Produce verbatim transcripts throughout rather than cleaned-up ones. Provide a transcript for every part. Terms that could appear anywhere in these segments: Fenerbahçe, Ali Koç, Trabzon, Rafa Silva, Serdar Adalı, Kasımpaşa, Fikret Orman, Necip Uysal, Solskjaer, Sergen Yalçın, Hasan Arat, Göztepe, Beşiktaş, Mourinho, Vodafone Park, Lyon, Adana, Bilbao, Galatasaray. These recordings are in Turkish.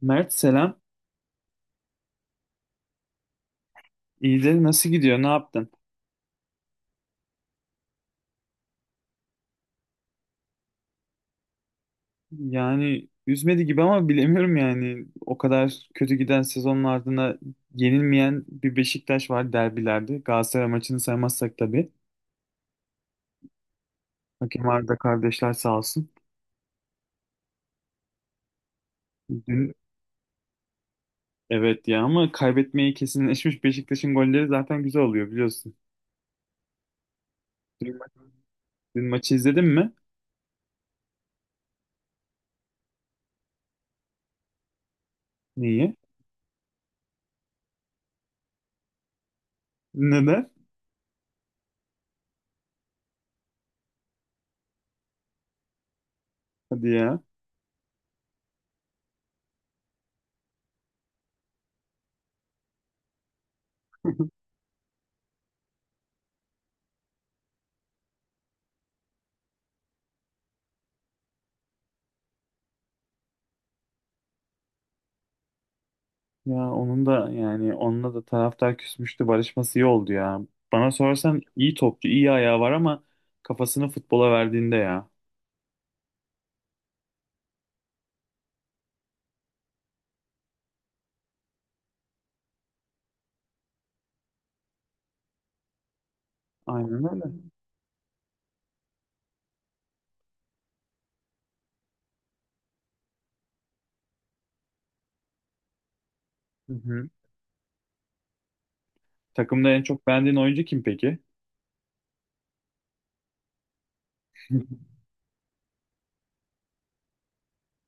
Mert selam. İyidir nasıl gidiyor ne yaptın? Yani üzmedi gibi ama bilemiyorum yani. O kadar kötü giden sezonun ardına yenilmeyen bir Beşiktaş var derbilerde. Galatasaray maçını saymazsak tabii. Hakem Arda kardeşler sağ olsun. Dün evet ya ama kaybetmeyi kesinleşmiş Beşiktaş'ın golleri zaten güzel oluyor biliyorsun. Dün, ma- dün maçı izledin mi? niye Neden? Hadi ya. Ya onun da yani onunla da taraftar küsmüştü. Barışması iyi oldu ya. Bana sorarsan iyi topçu, iyi ayağı var ama kafasını futbola verdiğinde ya. Aynen öyle. Hı hı. Takımda en çok beğendiğin oyuncu kim peki?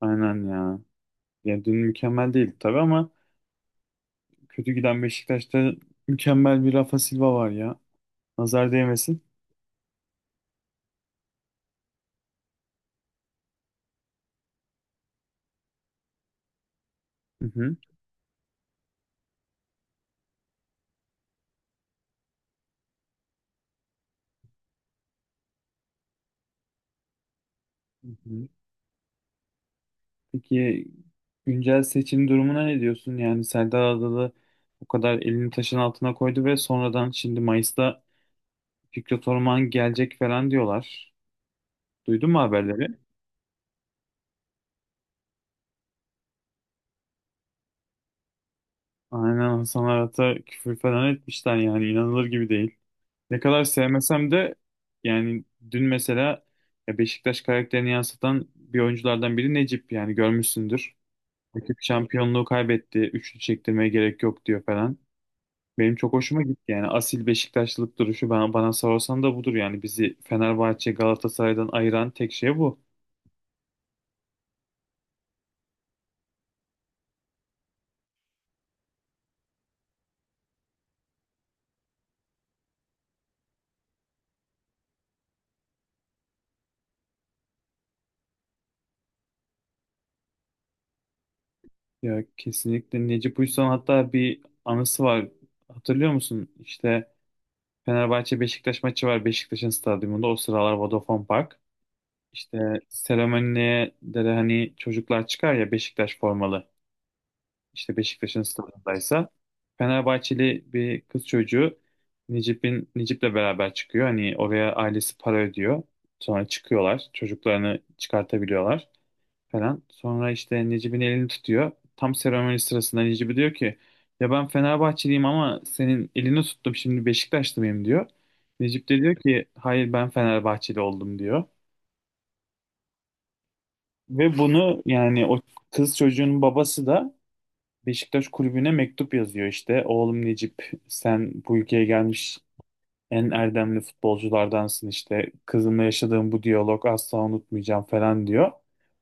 Aynen ya. Ya dün mükemmel değildi tabii ama kötü giden Beşiktaş'ta mükemmel bir Rafa Silva var ya. Nazar değmesin. Hı hı. Hı hı. Peki güncel seçim durumuna ne diyorsun? Yani Serdar Adalı o kadar elini taşın altına koydu ve sonradan şimdi Mayıs'ta Fikret Orman gelecek falan diyorlar. Duydun mu haberleri? Aynen Hasan Arat'a küfür falan etmişler yani inanılır gibi değil. Ne kadar sevmesem de yani dün mesela ya Beşiktaş karakterini yansıtan bir oyunculardan biri Necip yani görmüşsündür. Ekip şampiyonluğu kaybetti. Üçlü çektirmeye gerek yok diyor falan. Benim çok hoşuma gitti yani asil Beşiktaşlılık duruşu bana, bana sorarsan da budur yani bizi Fenerbahçe Galatasaray'dan ayıran tek şey bu. Ya kesinlikle Necip Uysal hatta bir anısı var. Hatırlıyor musun? İşte Fenerbahçe Beşiktaş maçı var Beşiktaş'ın stadyumunda o sıralar Vodafone Park. İşte seremoniye de de hani çocuklar çıkar ya Beşiktaş formalı. İşte Beşiktaş'ın stadındaysa Fenerbahçeli bir kız çocuğu Necip'in Necip'le beraber çıkıyor. Hani oraya ailesi para ödüyor. Sonra çıkıyorlar. Çocuklarını çıkartabiliyorlar falan. Sonra işte Necip'in elini tutuyor. Tam seremoni sırasında Necip'i diyor ki ya ben Fenerbahçeliyim ama senin elini tuttum şimdi Beşiktaşlı mıyım diyor. Necip de diyor ki hayır ben Fenerbahçeli oldum diyor. Ve bunu yani o kız çocuğun babası da Beşiktaş kulübüne mektup yazıyor işte. Oğlum Necip sen bu ülkeye gelmiş en erdemli futbolculardansın işte. Kızımla yaşadığım bu diyalog asla unutmayacağım falan diyor.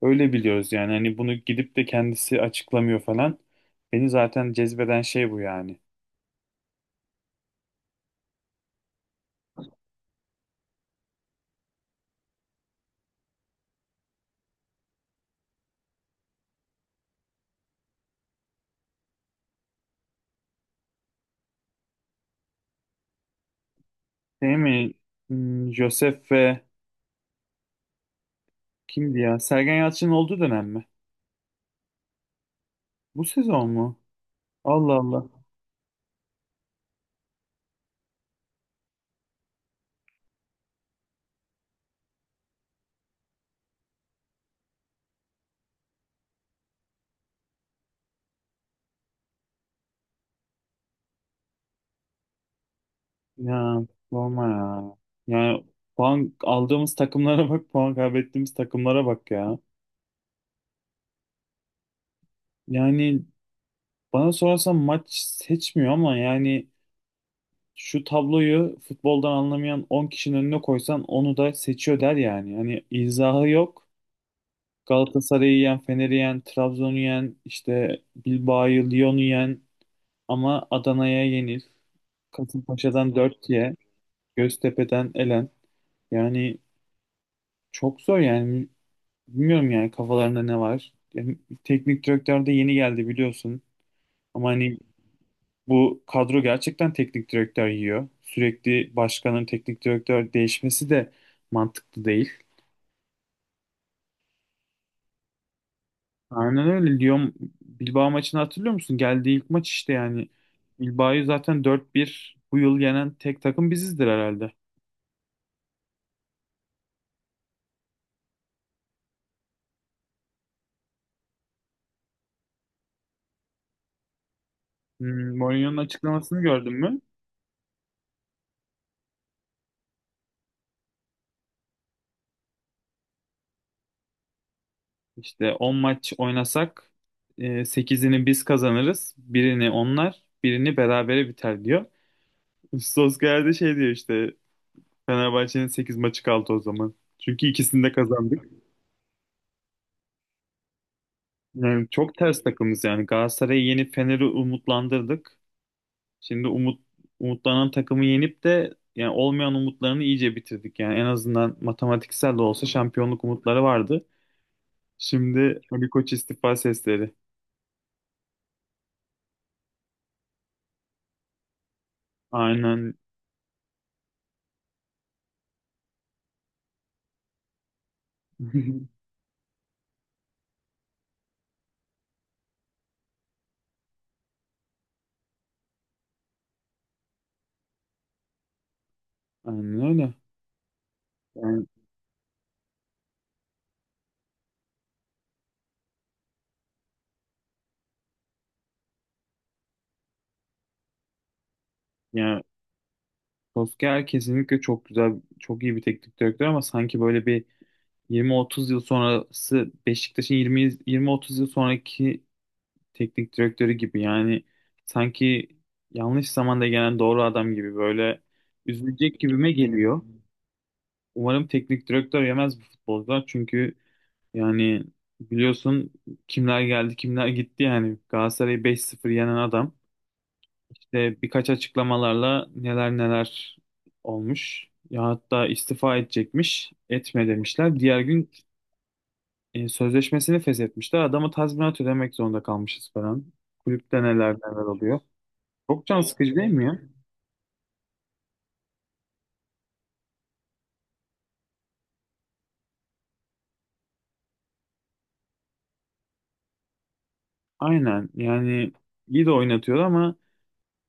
Öyle biliyoruz yani hani bunu gidip de kendisi açıklamıyor falan. Beni zaten cezbeden şey bu yani. Şey mi? Hmm, Josef ve kimdi ya? Sergen Yalçın'ın olduğu dönem mi? Bu sezon mu? Allah Allah. Ya sorma ya. Yani puan aldığımız takımlara bak, puan kaybettiğimiz takımlara bak ya. Yani bana sorarsan maç seçmiyor ama yani şu tabloyu futboldan anlamayan on kişinin önüne koysan onu da seçiyor der yani. Yani izahı yok. Galatasaray'ı yen, Fener'i yen, Trabzon'u yen, işte Bilbao'yu, Lyon'u yen ama Adana'ya yenil. Kasımpaşa'dan dört ye, Göztepe'den elen. Yani çok zor yani. Bilmiyorum yani kafalarında ne var. Yani teknik direktör de yeni geldi biliyorsun. Ama hani bu kadro gerçekten teknik direktör yiyor. Sürekli başkanın teknik direktör değişmesi de mantıklı değil. Aynen öyle. Lyon Bilbao maçını hatırlıyor musun? Geldiği ilk maç işte yani. Bilbao'yu zaten dört bir bu yıl yenen tek takım bizizdir herhalde. Hmm, Mourinho'nun açıklamasını gördün mü? İşte on maç oynasak e, sekizini biz kazanırız. Birini onlar, birini berabere biter diyor. Solskjaer de şey diyor işte Fenerbahçe'nin sekiz maçı kaldı o zaman. Çünkü ikisini de kazandık. Yani çok ters takımız yani. Galatasaray'ı yenip Fener'i umutlandırdık. Şimdi umut umutlanan takımı yenip de yani olmayan umutlarını iyice bitirdik. Yani en azından matematiksel de olsa şampiyonluk umutları vardı. Şimdi Ali Koç istifa sesleri. Aynen. Aynen öyle. Yani, yani Solskjaer kesinlikle çok güzel, çok iyi bir teknik direktör ama sanki böyle bir yirmi otuz yıl sonrası Beşiktaş'ın 20 yirmi otuz yıl sonraki teknik direktörü gibi. Yani sanki yanlış zamanda gelen doğru adam gibi böyle üzülecek gibime geliyor. Umarım teknik direktör yemez bu futbolcular çünkü yani biliyorsun kimler geldi kimler gitti yani Galatasaray'ı beş sıfır yenen adam işte birkaç açıklamalarla neler neler olmuş. Ya hatta istifa edecekmiş, etme demişler. Diğer gün e, sözleşmesini feshetmişler. Adama tazminat ödemek zorunda kalmışız falan. Kulüpte neler neler oluyor. Çok can sıkıcı değil mi ya? Aynen yani iyi de oynatıyor ama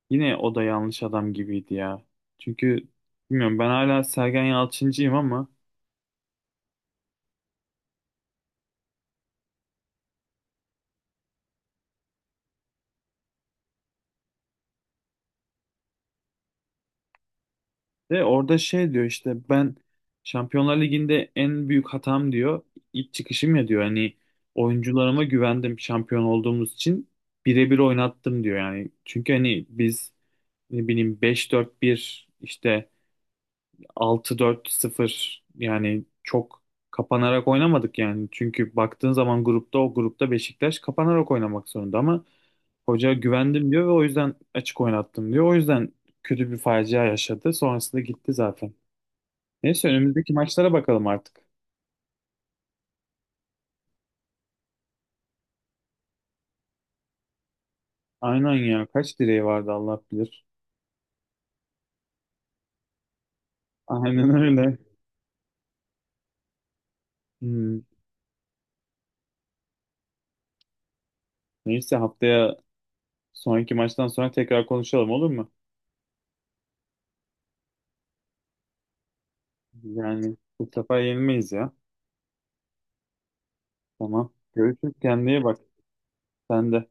yine o da yanlış adam gibiydi ya. Çünkü bilmiyorum ben hala Sergen Yalçıncıyım ama de orada şey diyor işte ben Şampiyonlar Ligi'nde en büyük hatam diyor, ilk çıkışım ya diyor. Hani oyuncularıma güvendim şampiyon olduğumuz için birebir oynattım diyor yani. Çünkü hani biz ne bileyim beş dört bir işte altı dört sıfır yani çok kapanarak oynamadık yani. Çünkü baktığın zaman grupta o grupta Beşiktaş kapanarak oynamak zorunda ama hoca güvendim diyor ve o yüzden açık oynattım diyor. O yüzden kötü bir facia yaşadı. Sonrasında gitti zaten. Neyse önümüzdeki maçlara bakalım artık. Aynen ya. Kaç direği vardı Allah bilir. Aynen öyle. Hmm. Neyse haftaya sonraki maçtan sonra tekrar konuşalım olur mu? Yani bu sefer yenilmeyiz ya. Tamam. Görüşürüz. Kendine iyi bak. Sen de.